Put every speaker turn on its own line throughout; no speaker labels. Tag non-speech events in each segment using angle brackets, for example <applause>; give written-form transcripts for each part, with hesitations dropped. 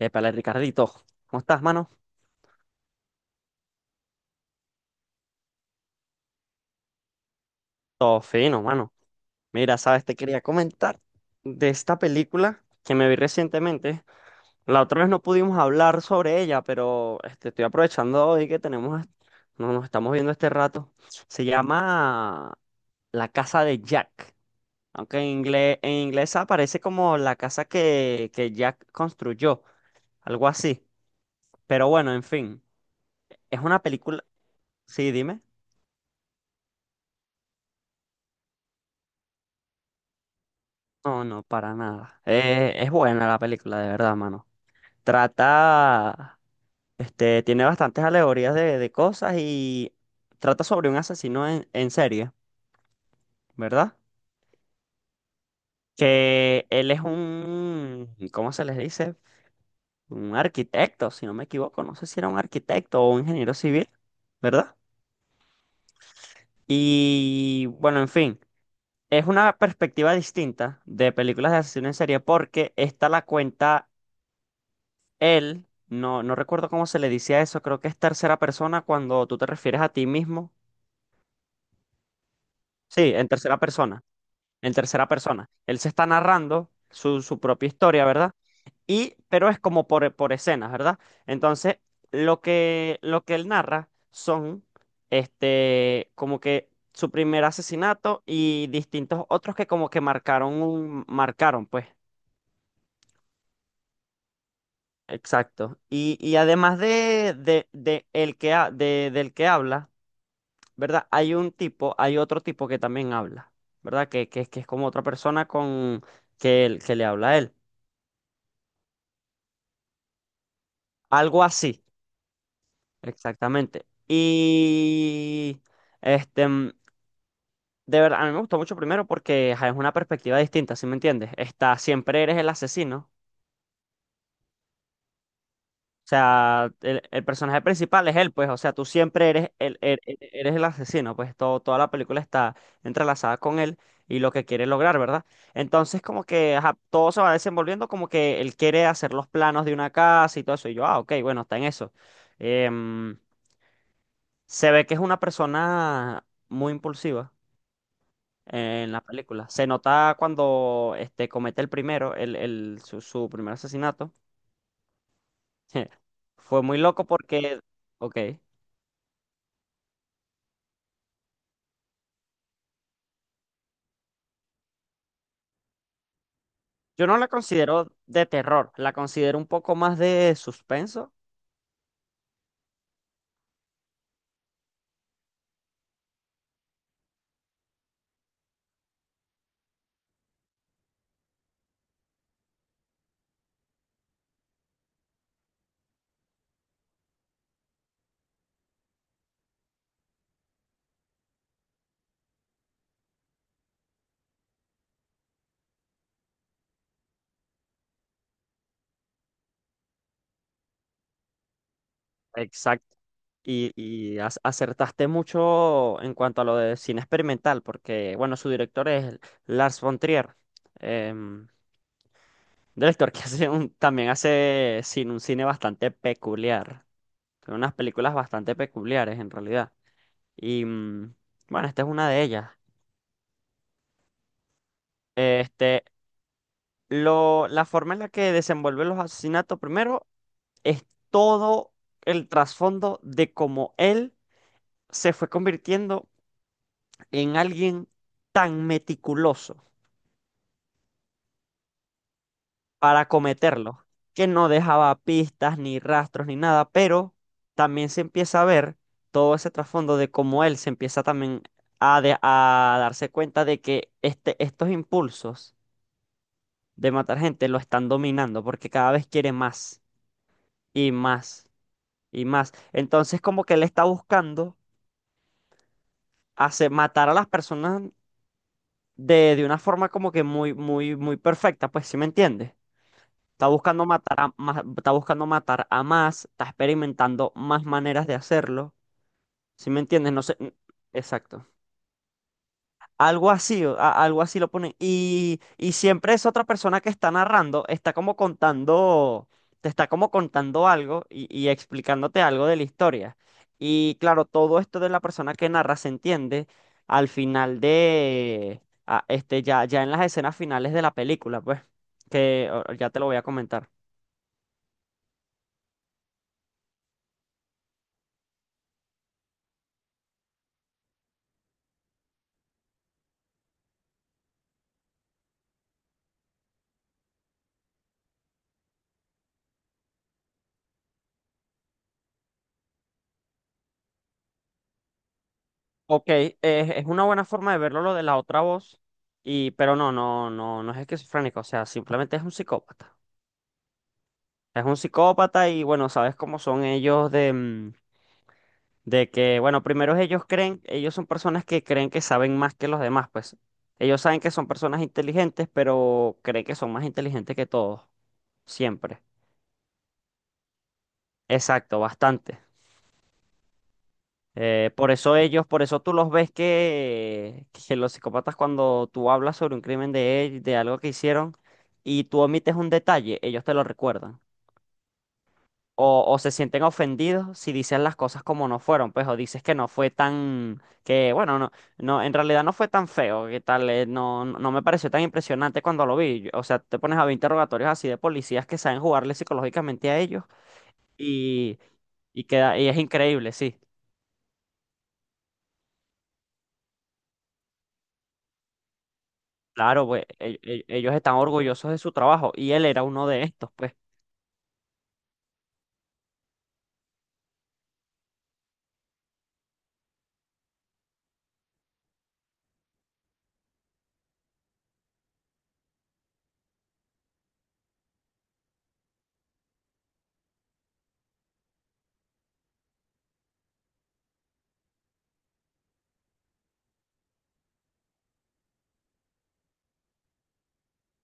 Épale, Ricardito, ¿cómo estás, mano? Todo fino, mano. Mira, sabes, te quería comentar de esta película que me vi recientemente. La otra vez no pudimos hablar sobre ella, pero este, estoy aprovechando hoy que tenemos, no nos estamos viendo este rato. Se llama La Casa de Jack, aunque en inglés aparece como la casa que Jack construyó, algo así. Pero bueno, en fin, es una película. Sí, dime. No, no, para nada. Es buena la película, de verdad, mano. Trata, este, tiene bastantes alegorías de cosas y trata sobre un asesino en serie, ¿verdad? Que él es un, ¿cómo se les dice? Un arquitecto, si no me equivoco. No sé si era un arquitecto o un ingeniero civil, ¿verdad? Y bueno, en fin, es una perspectiva distinta de películas de asesino en serie porque esta la cuenta él. No, no recuerdo cómo se le dice a eso, creo que es tercera persona cuando tú te refieres a ti mismo. Sí, en tercera persona, en tercera persona. Él se está narrando su propia historia, ¿verdad? Y, pero es como por escenas, ¿verdad? Entonces, lo que él narra son, este, como que su primer asesinato y distintos otros que como que marcaron un, marcaron, pues. Exacto. Y además de el que, de, del que habla, ¿verdad? Hay un tipo, hay otro tipo que también habla, ¿verdad? Que es como otra persona con que, que le habla a él. Algo así, exactamente. Y este, de verdad, a mí me gustó mucho primero porque ajá, es una perspectiva distinta, ¿sí me entiendes? Está, siempre eres el asesino. O sea, el personaje principal es él, pues, o sea, tú siempre eres el, eres el asesino, pues todo, toda la película está entrelazada con él y lo que quiere lograr, ¿verdad? Entonces, como que ajá, todo se va desenvolviendo, como que él quiere hacer los planos de una casa y todo eso, y yo, ah, ok, bueno, está en eso. Em, Se ve que es una persona muy impulsiva en la película. Se nota cuando este, comete el primero, el, su, su primer asesinato. <laughs> Fue muy loco porque, ok. Yo no la considero de terror, la considero un poco más de suspenso. Exacto. Y acertaste mucho en cuanto a lo de cine experimental, porque, bueno, su director es Lars von Trier, em, director que <laughs> hace también hace cine, un cine bastante peculiar, con unas películas bastante peculiares en realidad. Y, bueno, esta es una de ellas. Este, lo, la forma en la que desenvuelve los asesinatos, primero, es todo el trasfondo de cómo él se fue convirtiendo en alguien tan meticuloso para cometerlo, que no dejaba pistas ni rastros ni nada, pero también se empieza a ver todo ese trasfondo de cómo él se empieza también a, a darse cuenta de que este, estos impulsos de matar gente lo están dominando porque cada vez quiere más y más y más. Entonces como que él está buscando hacer matar a las personas de una forma como que muy, muy, muy perfecta, pues, ¿sí me entiendes? Está buscando matar a más, está buscando matar a más, está experimentando más maneras de hacerlo, ¿sí me entiendes? No sé, exacto. Algo así, algo así lo ponen. Y siempre es otra persona que está narrando, está como contando, te está como contando algo y explicándote algo de la historia. Y claro, todo esto de la persona que narra se entiende al final de, este, ya, ya en las escenas finales de la película, pues, que ya te lo voy a comentar. Ok, es una buena forma de verlo lo de la otra voz, y, pero no, no, no, no es esquizofrénico, o sea, simplemente es un psicópata. Es un psicópata y bueno, sabes cómo son ellos de, de que, bueno, primero ellos creen, ellos son personas que creen que saben más que los demás, pues. Ellos saben que son personas inteligentes, pero creen que son más inteligentes que todos, siempre. Exacto, bastante. Por eso ellos, por eso tú los ves que los psicópatas cuando tú hablas sobre un crimen de ellos, de algo que hicieron, y tú omites un detalle, ellos te lo recuerdan. O se sienten ofendidos si dices las cosas como no fueron, pues, o dices que no fue tan, que bueno, no, no, en realidad no fue tan feo, que tal, no, no no me pareció tan impresionante cuando lo vi. O sea, te pones a ver interrogatorios así de policías que saben jugarle psicológicamente a ellos y, y queda, y es increíble, sí. Claro, pues, ellos están orgullosos de su trabajo y él era uno de estos, pues.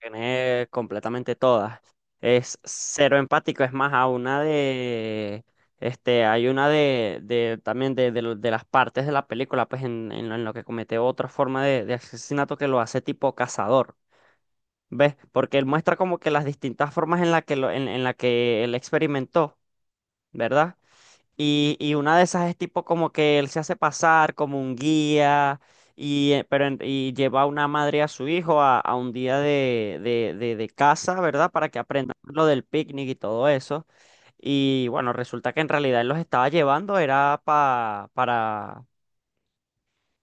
Tiene completamente todas. Es cero empático, es más, a una de, este, hay una de también de, de las partes de la película, pues en lo que comete otra forma de asesinato que lo hace tipo cazador, ¿ves? Porque él muestra como que las distintas formas en la que, lo, en la que él experimentó, ¿verdad? Y una de esas es tipo como que él se hace pasar como un guía y, pero, y lleva a una madre a su hijo a un día de casa, ¿verdad? Para que aprendan lo del picnic y todo eso. Y bueno, resulta que en realidad él los estaba llevando, era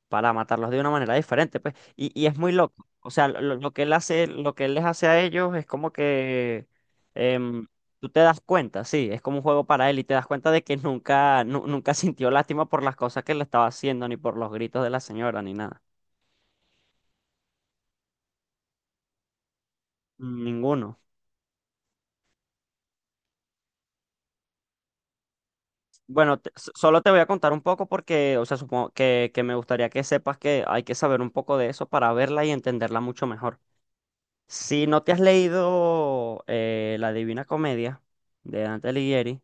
para matarlos de una manera diferente, pues. Y es muy loco. O sea, lo que él hace, lo que él les hace a ellos es como que em, tú te das cuenta, sí, es como un juego para él y te das cuenta de que nunca, nunca <laughs> sintió lástima por las cosas que le estaba haciendo, ni por los gritos de la señora, ni nada. Ninguno. Bueno, solo te voy a contar un poco porque, o sea, supongo que me gustaría que sepas que hay que saber un poco de eso para verla y entenderla mucho mejor. Si no te has leído La Divina Comedia de Dante Alighieri,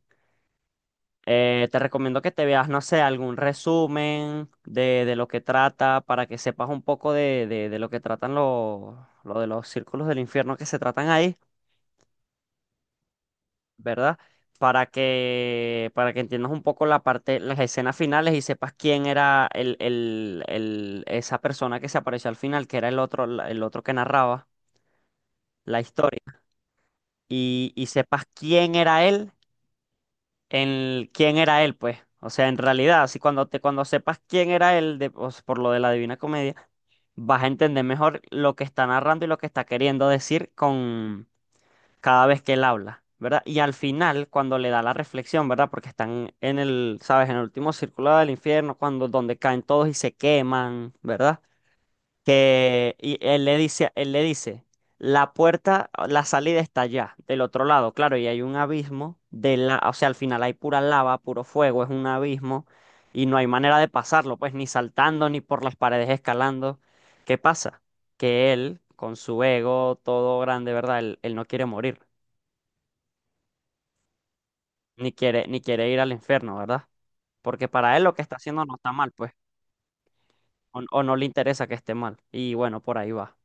Te recomiendo que te veas, no sé, algún resumen de lo que trata para que sepas un poco de, de lo que tratan los, lo de los círculos del infierno que se tratan ahí, ¿verdad? Para que entiendas un poco la parte, las escenas finales y sepas quién era el, esa persona que se apareció al final, que era el otro que narraba la historia, y sepas quién era él en quién era él, pues. O sea, en realidad, así cuando te, cuando sepas quién era él, o sea, por lo de la Divina Comedia, vas a entender mejor lo que está narrando y lo que está queriendo decir con cada vez que él habla, ¿verdad? Y al final, cuando le da la reflexión, ¿verdad? Porque están en el, ¿sabes? En el último círculo del infierno, cuando donde caen todos y se queman, ¿verdad? Que Y él le dice, la puerta, la salida está allá, del otro lado, claro, y hay un abismo de la, o sea, al final hay pura lava, puro fuego, es un abismo y no hay manera de pasarlo, pues ni saltando ni por las paredes escalando. ¿Qué pasa? Que él, con su ego todo grande, ¿verdad? Él no quiere morir, ni quiere, ni quiere ir al infierno, ¿verdad? Porque para él lo que está haciendo no está mal, pues, o no le interesa que esté mal. Y bueno, por ahí va.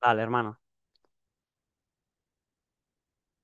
Dale, hermano.